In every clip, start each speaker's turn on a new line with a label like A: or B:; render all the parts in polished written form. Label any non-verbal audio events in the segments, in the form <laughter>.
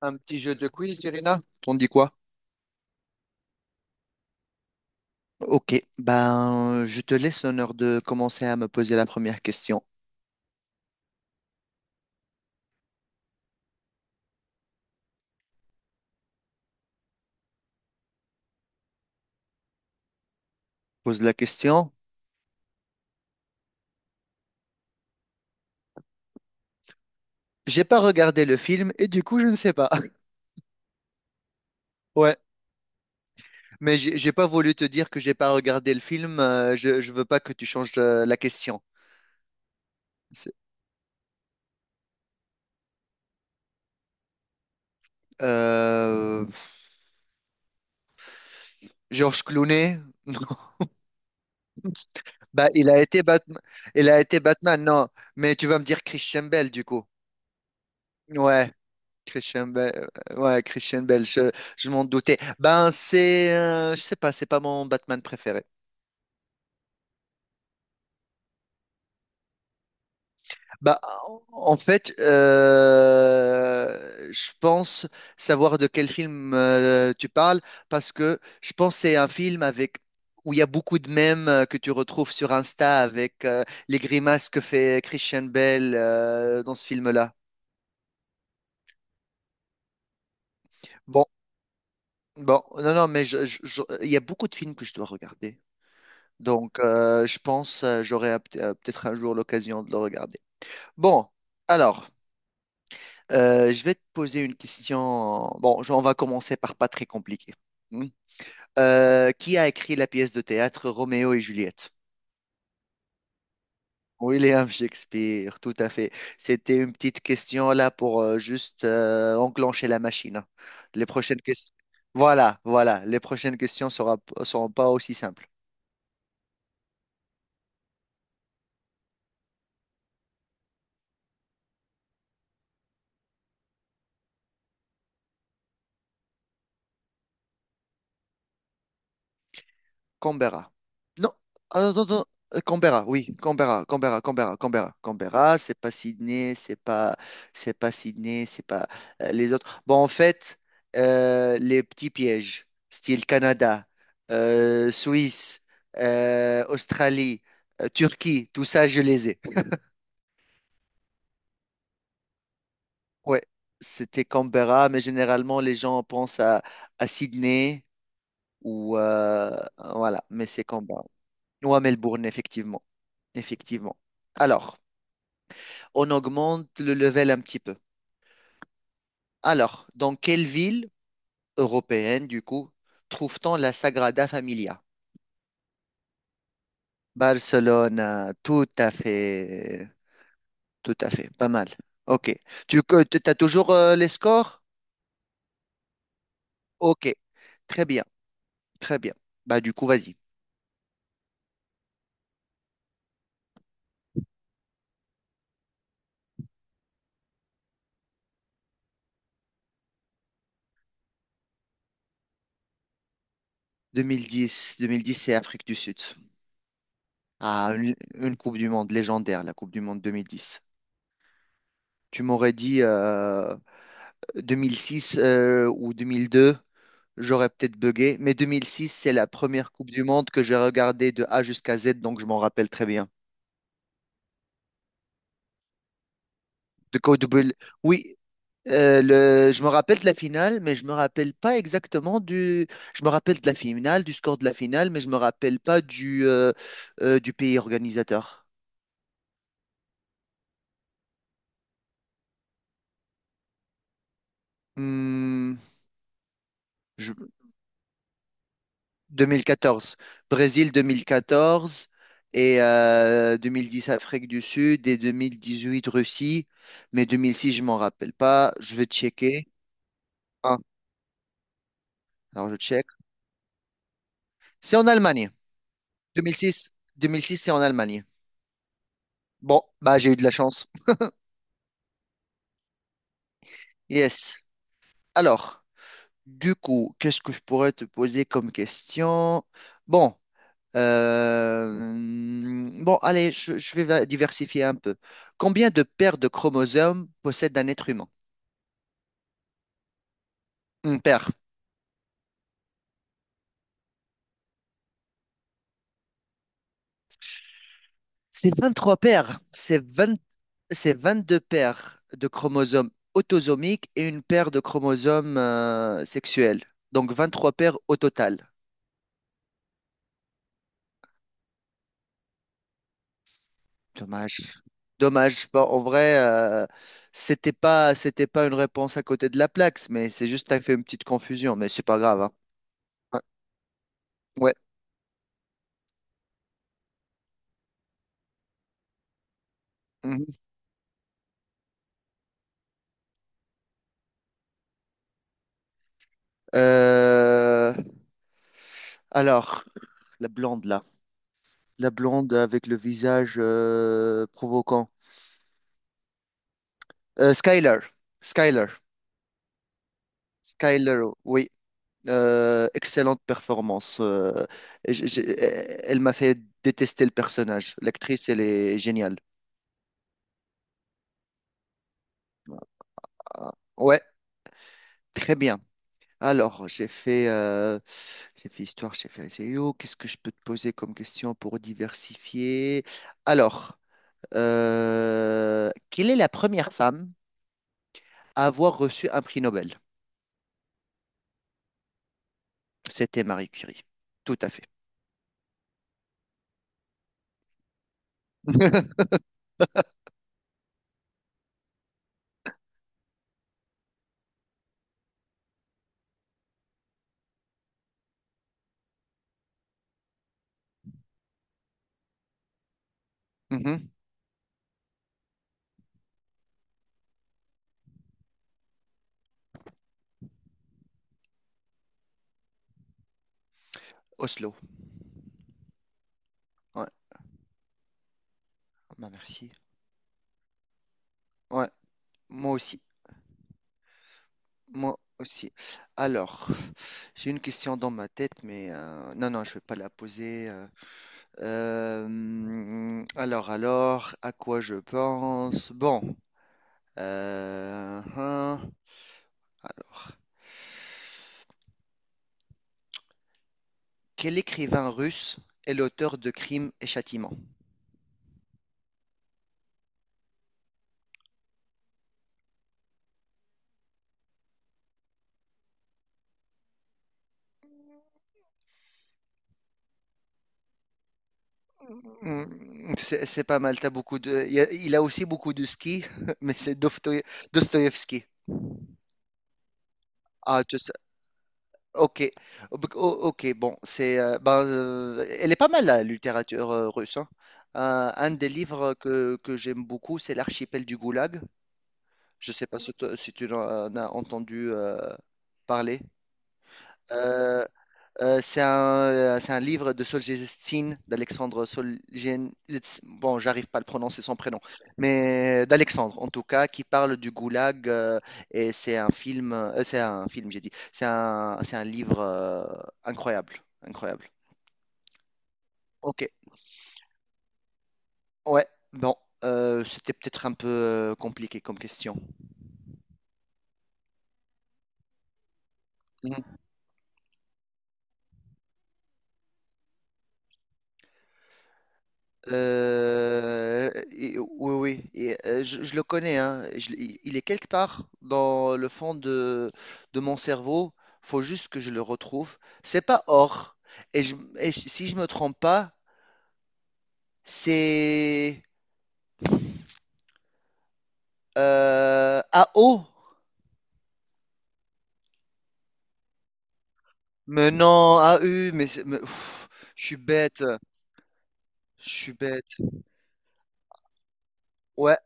A: Un petit jeu de quiz, Irina? T'en dis quoi? Ok, ben je te laisse l'honneur de commencer à me poser la première question. Pose la question. J'ai pas regardé le film et du coup je ne sais pas. <laughs> Ouais, mais j'ai pas voulu te dire que j'ai pas regardé le film. Je veux pas que tu changes la question. C'est- Euh, Georges Clooney? <laughs> Non. Bah il a été Batman. Il a été Batman, non. Mais tu vas me dire Christian Bale du coup. Ouais. Christian Bale, ouais, Christian Bale, je m'en doutais. Ben, c'est, je sais pas, c'est pas mon Batman préféré. Bah, en en fait, je pense savoir de quel film tu parles, parce que je pense que c'est un film avec, où il y a beaucoup de mèmes que tu retrouves sur Insta avec les grimaces que fait Christian Bale dans ce film-là. Bon, bon, non, non, mais il y a beaucoup de films que je dois regarder. Donc, je pense j'aurai peut-être un jour l'occasion de le regarder. Bon, alors, je vais te poser une question. Bon, on va commencer par pas très compliqué. Hmm. Qui a écrit la pièce de théâtre Roméo et Juliette? William Shakespeare, tout à fait. C'était une petite question là pour juste enclencher la machine. Les prochaines questions. Voilà, voilà. Les seront pas aussi simples. Canberra. Non, attends, attends, attends. Canberra, oui, Canberra, Canberra, Canberra, Canberra, Canberra, c'est pas Sydney, c'est pas Sydney, c'est pas les autres. Bon, en fait, les petits pièges, style Canada, Suisse, Australie, Turquie, tout ça, je les ai. Ouais, c'était Canberra, mais généralement, les gens pensent à Sydney ou voilà, mais c'est Canberra. Ou à Melbourne, effectivement, effectivement. Alors, on augmente le level un petit peu. Alors, dans quelle ville européenne, du coup, trouve-t-on la Sagrada Familia? Barcelone, tout à fait, pas mal. Ok. Tu as toujours les scores? Ok, très bien, très bien. Bah, du coup, vas-y. 2010, 2010, c'est Afrique du Sud. Ah, une Coupe du Monde légendaire, la Coupe du Monde 2010. Tu m'aurais dit 2006 ou 2002, j'aurais peut-être bugué, mais 2006, c'est la première Coupe du Monde que j'ai regardée de A jusqu'à Z, donc je m'en rappelle très bien. De quoi double Oui, je me rappelle de la finale, mais je me rappelle pas exactement du. Je me rappelle de la finale, du score de la finale, mais je me rappelle pas du, du pays organisateur. Hmm, je- 2014. Brésil 2014 et 2010 Afrique du Sud et 2018 Russie. Mais 2006, je m'en rappelle pas. Je vais checker. Ah, alors je check. C'est en Allemagne. 2006, 2006, c'est en Allemagne. Bon, bah j'ai eu de la chance. Yes. Alors, du coup, qu'est-ce que je pourrais te poser comme question? Bon, bon, allez, je, diversifier un peu. Combien de paires de chromosomes possède un être humain? Une paire. C'est 23 paires. C'est 22 paires de chromosomes autosomiques et une paire de chromosomes sexuels. Donc 23 paires au total. Dommage. Dommage. Bon, en vrai, c'était pas une réponse à côté de la plaque, mais c'est juste que t'as fait une petite confusion, mais c'est pas grave, hein. Ouais. Ouais. Mhm. Euh, alors, la blonde là. La blonde avec le visage provoquant. Skyler. Skyler. Skyler, oui. Excellente performance. Elle m'a fait détester le personnage. L'actrice, elle est géniale. Ah, ouais, très bien. Alors, j'ai fait histoire, j'ai fait SEO. Qu'est-ce que je peux te poser comme question pour diversifier? Alors, quelle est la première femme à avoir reçu un prix Nobel? C'était Marie Curie. Tout à fait. <laughs> Mhm. Oslo. Ouais, bah merci. Ouais, moi aussi. Moi aussi. Alors, j'ai une question dans ma tête, mais non, non, je vais pas la poser. Alors, à quoi je pense? Bon, hein, alors, quel écrivain russe est l'auteur de Crimes et Châtiments? C'est pas mal. T'as beaucoup de. Il y a, il a aussi beaucoup de ski, <laughs> mais c'est Dostoïevski. Ah, tu Ok, Oh, bec- oh, Ok, bon, c'est, ben, elle est pas mal la littérature russe, hein. Un des livres que j'aime beaucoup, c'est L'archipel du Goulag. Je sais pas si, tu si tu en as entendu parler. Euh, c'est un livre de Solzhenitsyn, d'Alexandre Solzhenitsyn. Bon, j'arrive pas à le prononcer son prénom, mais d'Alexandre en tout cas, qui parle du goulag. Et c'est un film, j'ai dit. C'est un livre incroyable, incroyable. Ok, ouais, bon, c'était peut-être un peu compliqué comme question. Oui, oui, et, je le connais, hein. Il est quelque part dans le fond de mon cerveau. Faut juste que je le retrouve. C'est pas or. Et, si je me trompe pas, c'est A O. Mais non, AU. Mais, mais, pff, je suis bête. Je suis bête. Ouais.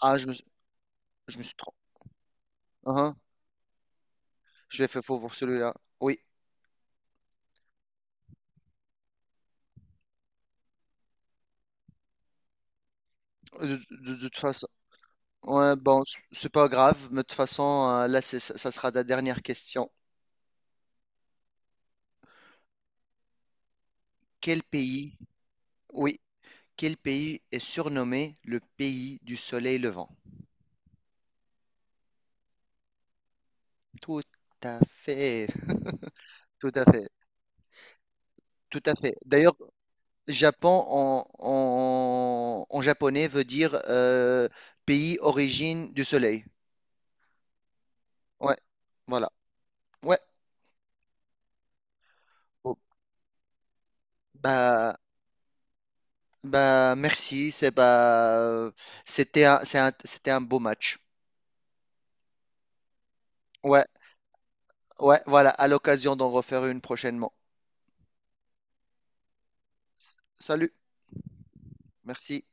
A: Ah, je me suis trompé. Hein, je l'ai fait faux pour celui-là. Oui. De toute façon. Ouais, bon, c'est pas grave, mais de toute façon, là, ça sera ta dernière question. Quel pays, oui, quel pays est surnommé le pays du soleil levant? Tout à fait, <laughs> tout à fait, tout à fait. D'ailleurs, Japon en, en japonais veut dire pays origine du soleil. Ouais, voilà. Ouais, bon, bah, bah, merci, c'est bah, c'était un, c'était un beau match. Ouais. Ouais, voilà, à l'occasion d'en refaire une prochainement. Salut, merci.